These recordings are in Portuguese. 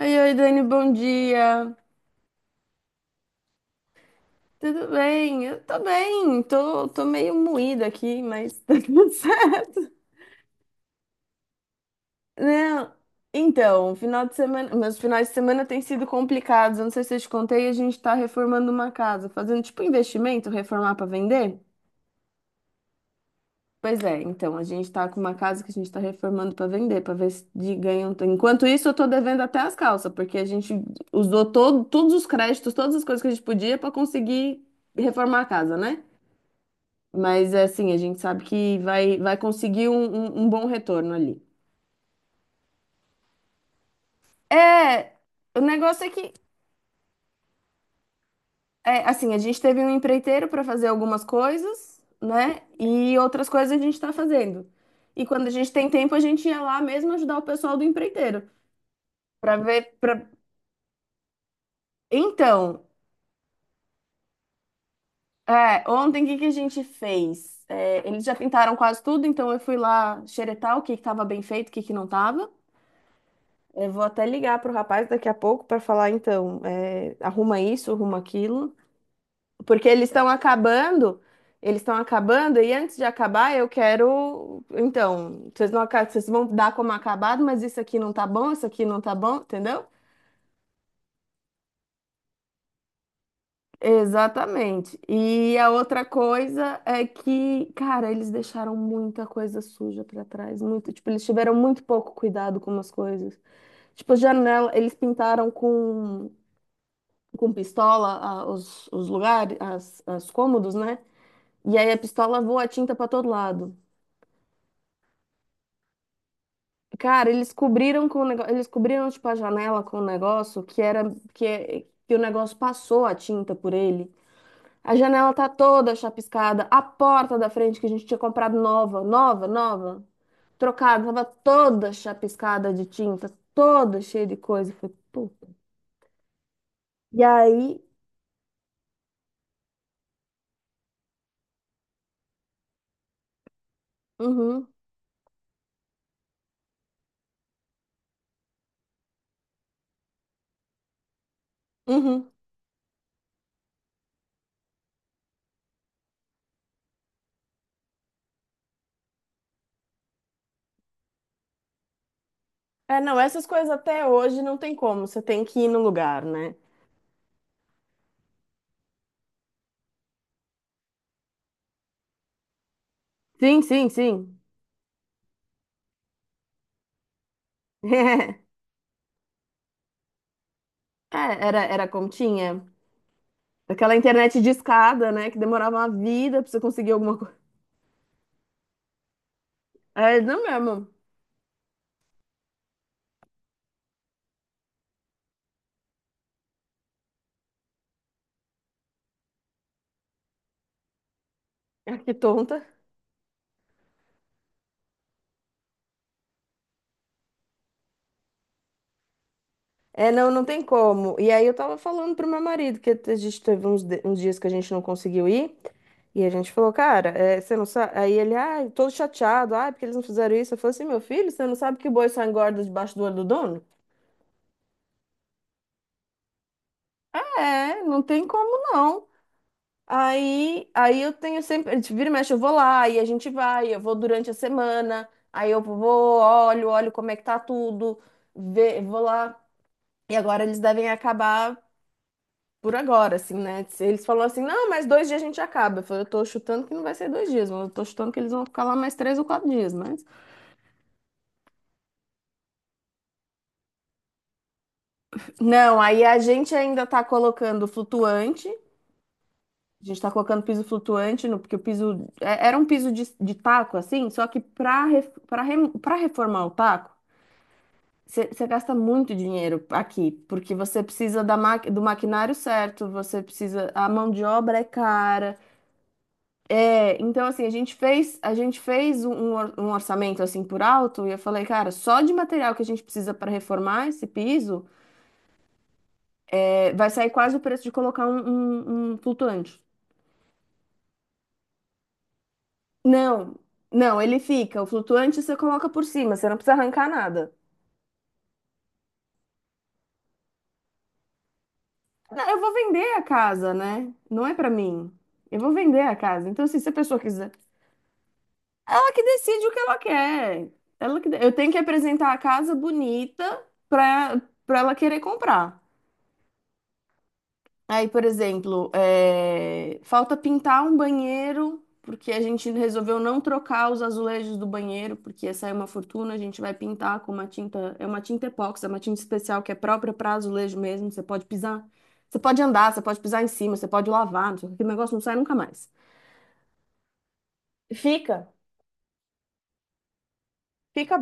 Oi, oi, Dani, bom dia. Tudo bem? Eu tô bem, tô meio moída aqui, mas tá tudo certo. Não, então, final de semana, meus finais de semana têm sido complicados. Eu não sei se eu te contei, a gente tá reformando uma casa, fazendo tipo investimento, reformar pra vender. Pois é, então, a gente tá com uma casa que a gente tá reformando pra vender, pra ver se de ganha um... Enquanto isso, eu tô devendo até as calças, porque a gente usou todos os créditos, todas as coisas que a gente podia pra conseguir reformar a casa, né? Mas assim, a gente sabe que vai conseguir um bom retorno ali. É, o negócio é que, é, assim, a gente teve um empreiteiro para fazer algumas coisas, né? E outras coisas a gente está fazendo. E quando a gente tem tempo, a gente ia lá mesmo ajudar o pessoal do empreiteiro para ver. Pra... Então, é, ontem o que que a gente fez? É, eles já pintaram quase tudo, então eu fui lá xeretar o que que estava bem feito, o que que não estava. Eu vou até ligar pro rapaz daqui a pouco para falar, então, é, arruma isso, arruma aquilo, porque eles estão acabando, e antes de acabar, eu quero, então, vocês não, vocês vão dar como acabado, mas isso aqui não tá bom, isso aqui não tá bom, entendeu? Exatamente. E a outra coisa é que, cara, eles deixaram muita coisa suja pra trás, muito, tipo, eles tiveram muito pouco cuidado com as coisas. Tipo, janela, eles pintaram com pistola os lugares, as cômodos, né? E aí a pistola voa a tinta pra todo lado. Cara, eles cobriram com o negócio, eles cobriram tipo a janela com o negócio que era que, é- que o negócio passou a tinta por ele. A janela tá toda chapiscada, a porta da frente que a gente tinha comprado nova, nova, nova, trocada, tava toda chapiscada de tinta, toda cheia de coisa. Eu falei, "Puta." E aí, uhum, uhum. É, não, essas coisas até hoje não tem como, você tem que ir no lugar, né? Sim, sim, sim. É, era, era como tinha. Aquela internet de escada, né? Que demorava uma vida pra você conseguir alguma coisa. É, não mesmo. Ah, que tonta. É, não, não tem como. E aí eu tava falando pro meu marido que a gente teve uns dias que a gente não conseguiu ir. E a gente falou, cara, é, você não sabe. Aí ele, ah, todo chateado, ah, porque eles não fizeram isso. Eu falei assim, meu filho, você não sabe que o boi só engorda debaixo do olho do dono? É, não tem como não. Aí eu tenho sempre, a gente vira e mexe, eu vou lá, aí a gente vai, eu vou durante a semana, aí eu vou, olho, olho como é que tá tudo, vê, vou lá. E agora eles devem acabar por agora, assim, né? Se eles falaram assim, não, mas dois dias a gente acaba. Eu falei, eu tô chutando que não vai ser dois dias, mas eu tô chutando que eles vão ficar lá mais três ou quatro dias, mas... Não, aí a gente ainda tá colocando flutuante, a gente tá colocando piso flutuante, no, porque o piso... Era um piso de taco, assim, só que pra, pra reformar o taco, você gasta muito dinheiro aqui, porque você precisa da do maquinário certo, você precisa, a mão de obra é cara. É, então assim, a gente fez um, um orçamento assim por alto e eu falei, cara, só de material que a gente precisa para reformar esse piso, é, vai sair quase o preço de colocar um, um flutuante. Não, não, ele fica. O flutuante você coloca por cima, você não precisa arrancar nada. Não, eu vou vender a casa, né? Não é para mim. Eu vou vender a casa. Então, assim, se a pessoa quiser ela que decide o que ela quer. Eu tenho que apresentar a casa bonita para para ela querer comprar. Aí, por exemplo, é, falta pintar um banheiro, porque a gente resolveu não trocar os azulejos do banheiro, porque ia sair uma fortuna. A gente vai pintar com uma tinta, é uma tinta epóxi, é uma tinta especial que é própria para azulejo mesmo. Você pode pisar, você pode andar, você pode pisar em cima, você pode lavar, não sei o que, aquele negócio não sai nunca mais. Fica. Fica.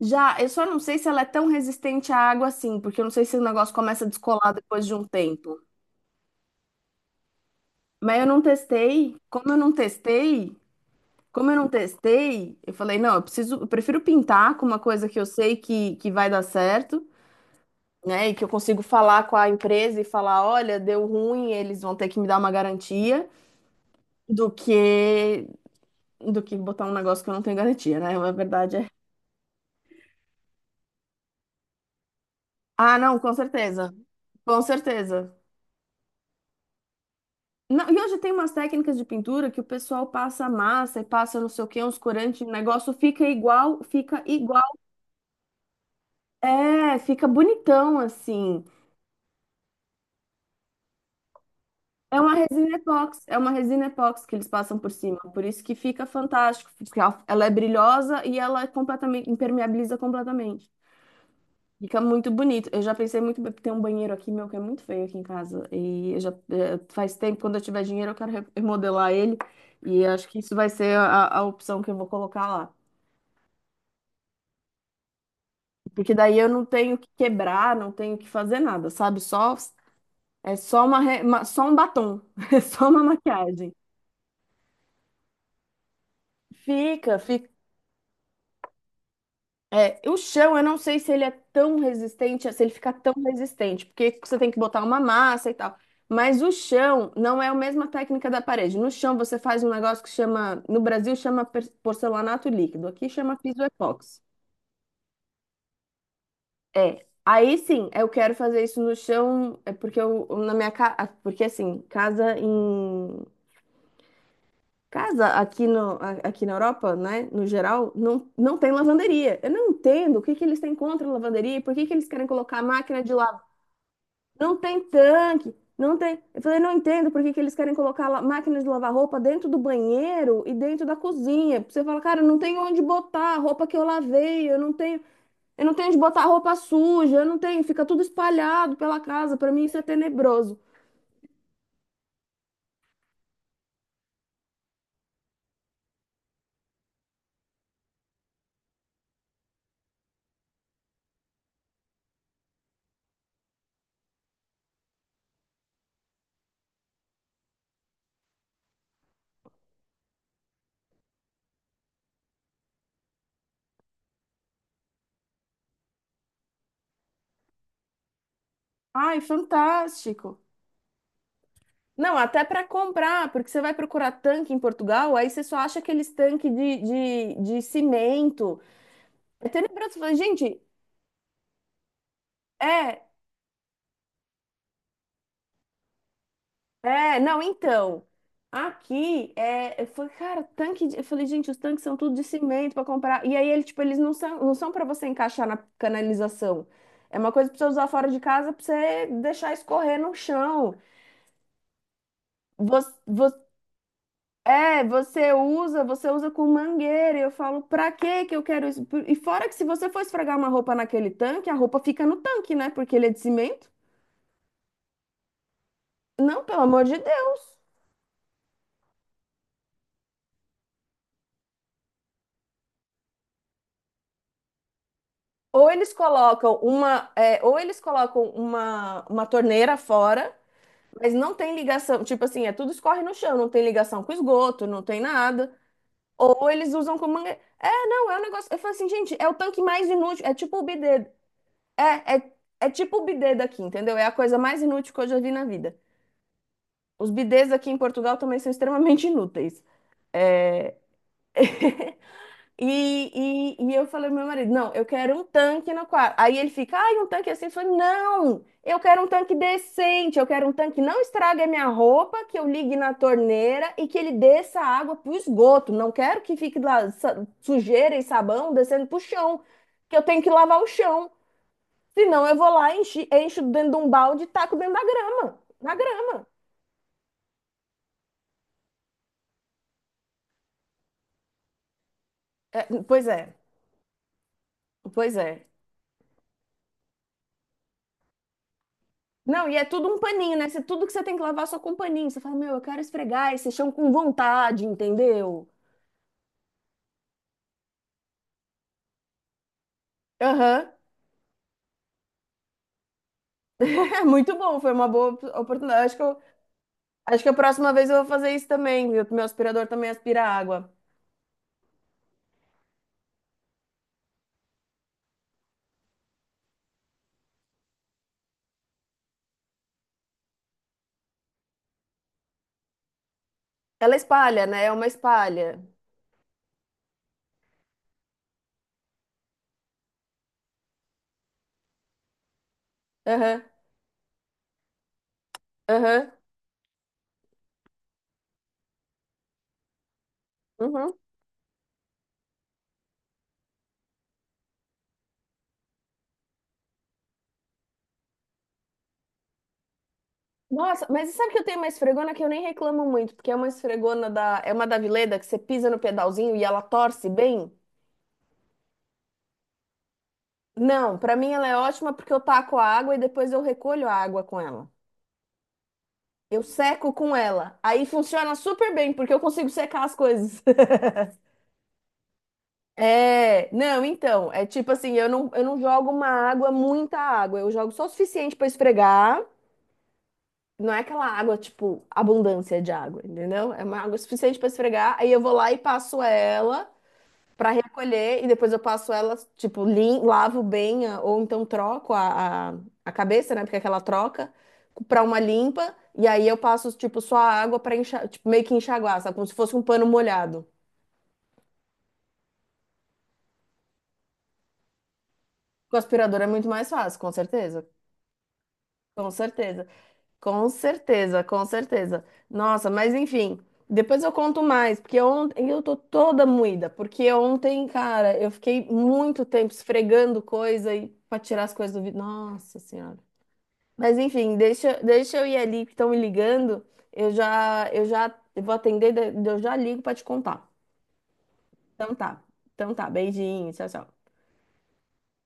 Já, eu só não sei se ela é tão resistente à água assim, porque eu não sei se o negócio começa a descolar depois de um tempo. Mas eu não testei. Como eu não testei, eu falei, não, eu preciso, eu prefiro pintar com uma coisa que eu sei que vai dar certo, né? E que eu consigo falar com a empresa e falar, olha, deu ruim, eles vão ter que me dar uma garantia, do que do que botar um negócio que eu não tenho garantia, né? A verdade é. Ah, não, com certeza. Com certeza. Não, e hoje tem umas técnicas de pintura que o pessoal passa massa e passa não sei o que, uns corantes, o negócio fica igual, fica igual. É, fica bonitão assim. É uma resina epóxi, é uma resina epóxi que eles passam por cima, por isso que fica fantástico, porque ela é brilhosa e ela é completamente impermeabiliza completamente. Fica muito bonito. Eu já pensei muito bem, tem um banheiro aqui meu que é muito feio aqui em casa e eu já faz tempo quando eu tiver dinheiro eu quero remodelar ele e acho que isso vai ser a opção que eu vou colocar lá. Porque daí eu não tenho que quebrar, não tenho que fazer nada, sabe? Só é só uma, só um batom, é só uma maquiagem. Fica, fica. É, o chão, eu não sei se ele é tão resistente, se ele fica tão resistente, porque você tem que botar uma massa e tal. Mas o chão não é a mesma técnica da parede. No chão você faz um negócio que chama, no Brasil chama porcelanato líquido, aqui chama piso epóxi. É. Aí sim, eu quero fazer isso no chão, é porque eu na minha casa, porque assim, casa em casa aqui no aqui na Europa, né, no geral, não tem lavanderia. Eu não entendo o que que eles têm contra a lavanderia, e por que que eles querem colocar a máquina de lavar? Não tem tanque, não tem. Eu falei, não entendo por que que eles querem colocar máquina de lavar roupa dentro do banheiro e dentro da cozinha. Você fala, cara, não tem onde botar a roupa que eu lavei, eu não tenho de botar roupa suja, eu não tenho, fica tudo espalhado pela casa. Pra mim isso é tenebroso. Ai, fantástico. Não, até pra comprar, porque você vai procurar tanque em Portugal, aí você só acha aqueles tanques de cimento. É tenebroso. Você fala, gente, é, é, não, então. Aqui é, eu falei, cara, tanque de... Eu falei, gente, os tanques são tudo de cimento pra comprar. E aí ele, tipo, eles não são para você encaixar na canalização. É uma coisa pra você usar fora de casa pra você deixar escorrer no chão. Você, você, é, você usa com mangueira. E eu falo, pra que que eu quero isso? E fora que se você for esfregar uma roupa naquele tanque, a roupa fica no tanque, né? Porque ele é de cimento. Não, pelo amor de Deus. Ou eles colocam uma torneira fora, mas não tem ligação. Tipo assim, é tudo escorre no chão, não tem ligação com esgoto, não tem nada. Ou eles usam com mangueira. É, não, é um negócio. Eu falo assim, gente, é o tanque mais inútil. É tipo o bidê. É, é, é tipo o bidê daqui, entendeu? É a coisa mais inútil que eu já vi na vida. Os bidês aqui em Portugal também são extremamente inúteis. E eu falei pro meu marido, não, eu quero um tanque no quarto. Aí ele fica, ai, um tanque assim. Eu falei, não, eu quero um tanque decente, eu quero um tanque que não estrague a minha roupa, que eu ligue na torneira e que ele desça a água pro esgoto. Não quero que fique lá sujeira e sabão descendo pro chão, que eu tenho que lavar o chão. Senão eu vou lá, encho dentro de um balde e taco dentro da grama. Na grama. É, pois é, pois é. Não, e é tudo um paninho, né? Tudo que você tem que lavar é só com paninho. Você fala, meu, eu quero esfregar esse chão com vontade, entendeu? Aham. É muito bom, foi uma boa oportunidade. Acho que, acho que a próxima vez eu vou fazer isso também, viu? Meu aspirador também aspira água. Ela espalha, né? É uma espalha. Aham, aham, uhum. Nossa, mas sabe que eu tenho uma esfregona que eu nem reclamo muito, porque é uma esfregona da, é uma da Vileda que você pisa no pedalzinho e ela torce bem? Não, pra mim ela é ótima porque eu taco a água e depois eu recolho a água com ela. Eu seco com ela. Aí funciona super bem, porque eu consigo secar as coisas. É, não, então, é tipo assim, eu não jogo uma água, muita água, eu jogo só o suficiente pra esfregar. Não é aquela água, tipo, abundância de água, entendeu? É uma água suficiente pra esfregar, aí eu vou lá e passo ela. Para recolher e depois eu passo ela, tipo, lavo bem, ou então troco a cabeça, né? Porque é aquela troca, para uma limpa, e aí eu passo, tipo, só a água para enxaguar, tipo, meio que enxaguar, sabe? Como se fosse um pano molhado. Com aspirador é muito mais fácil, com certeza. Com certeza. Com certeza. Nossa, mas enfim. Depois eu conto mais, porque ontem eu tô toda moída, porque ontem, cara, eu fiquei muito tempo esfregando coisa e para tirar as coisas do vidro. Nossa Senhora. Mas enfim, deixa eu ir ali que estão me ligando. Eu vou atender, eu já ligo para te contar. Então tá. Então tá, beijinho, tchau, tchau.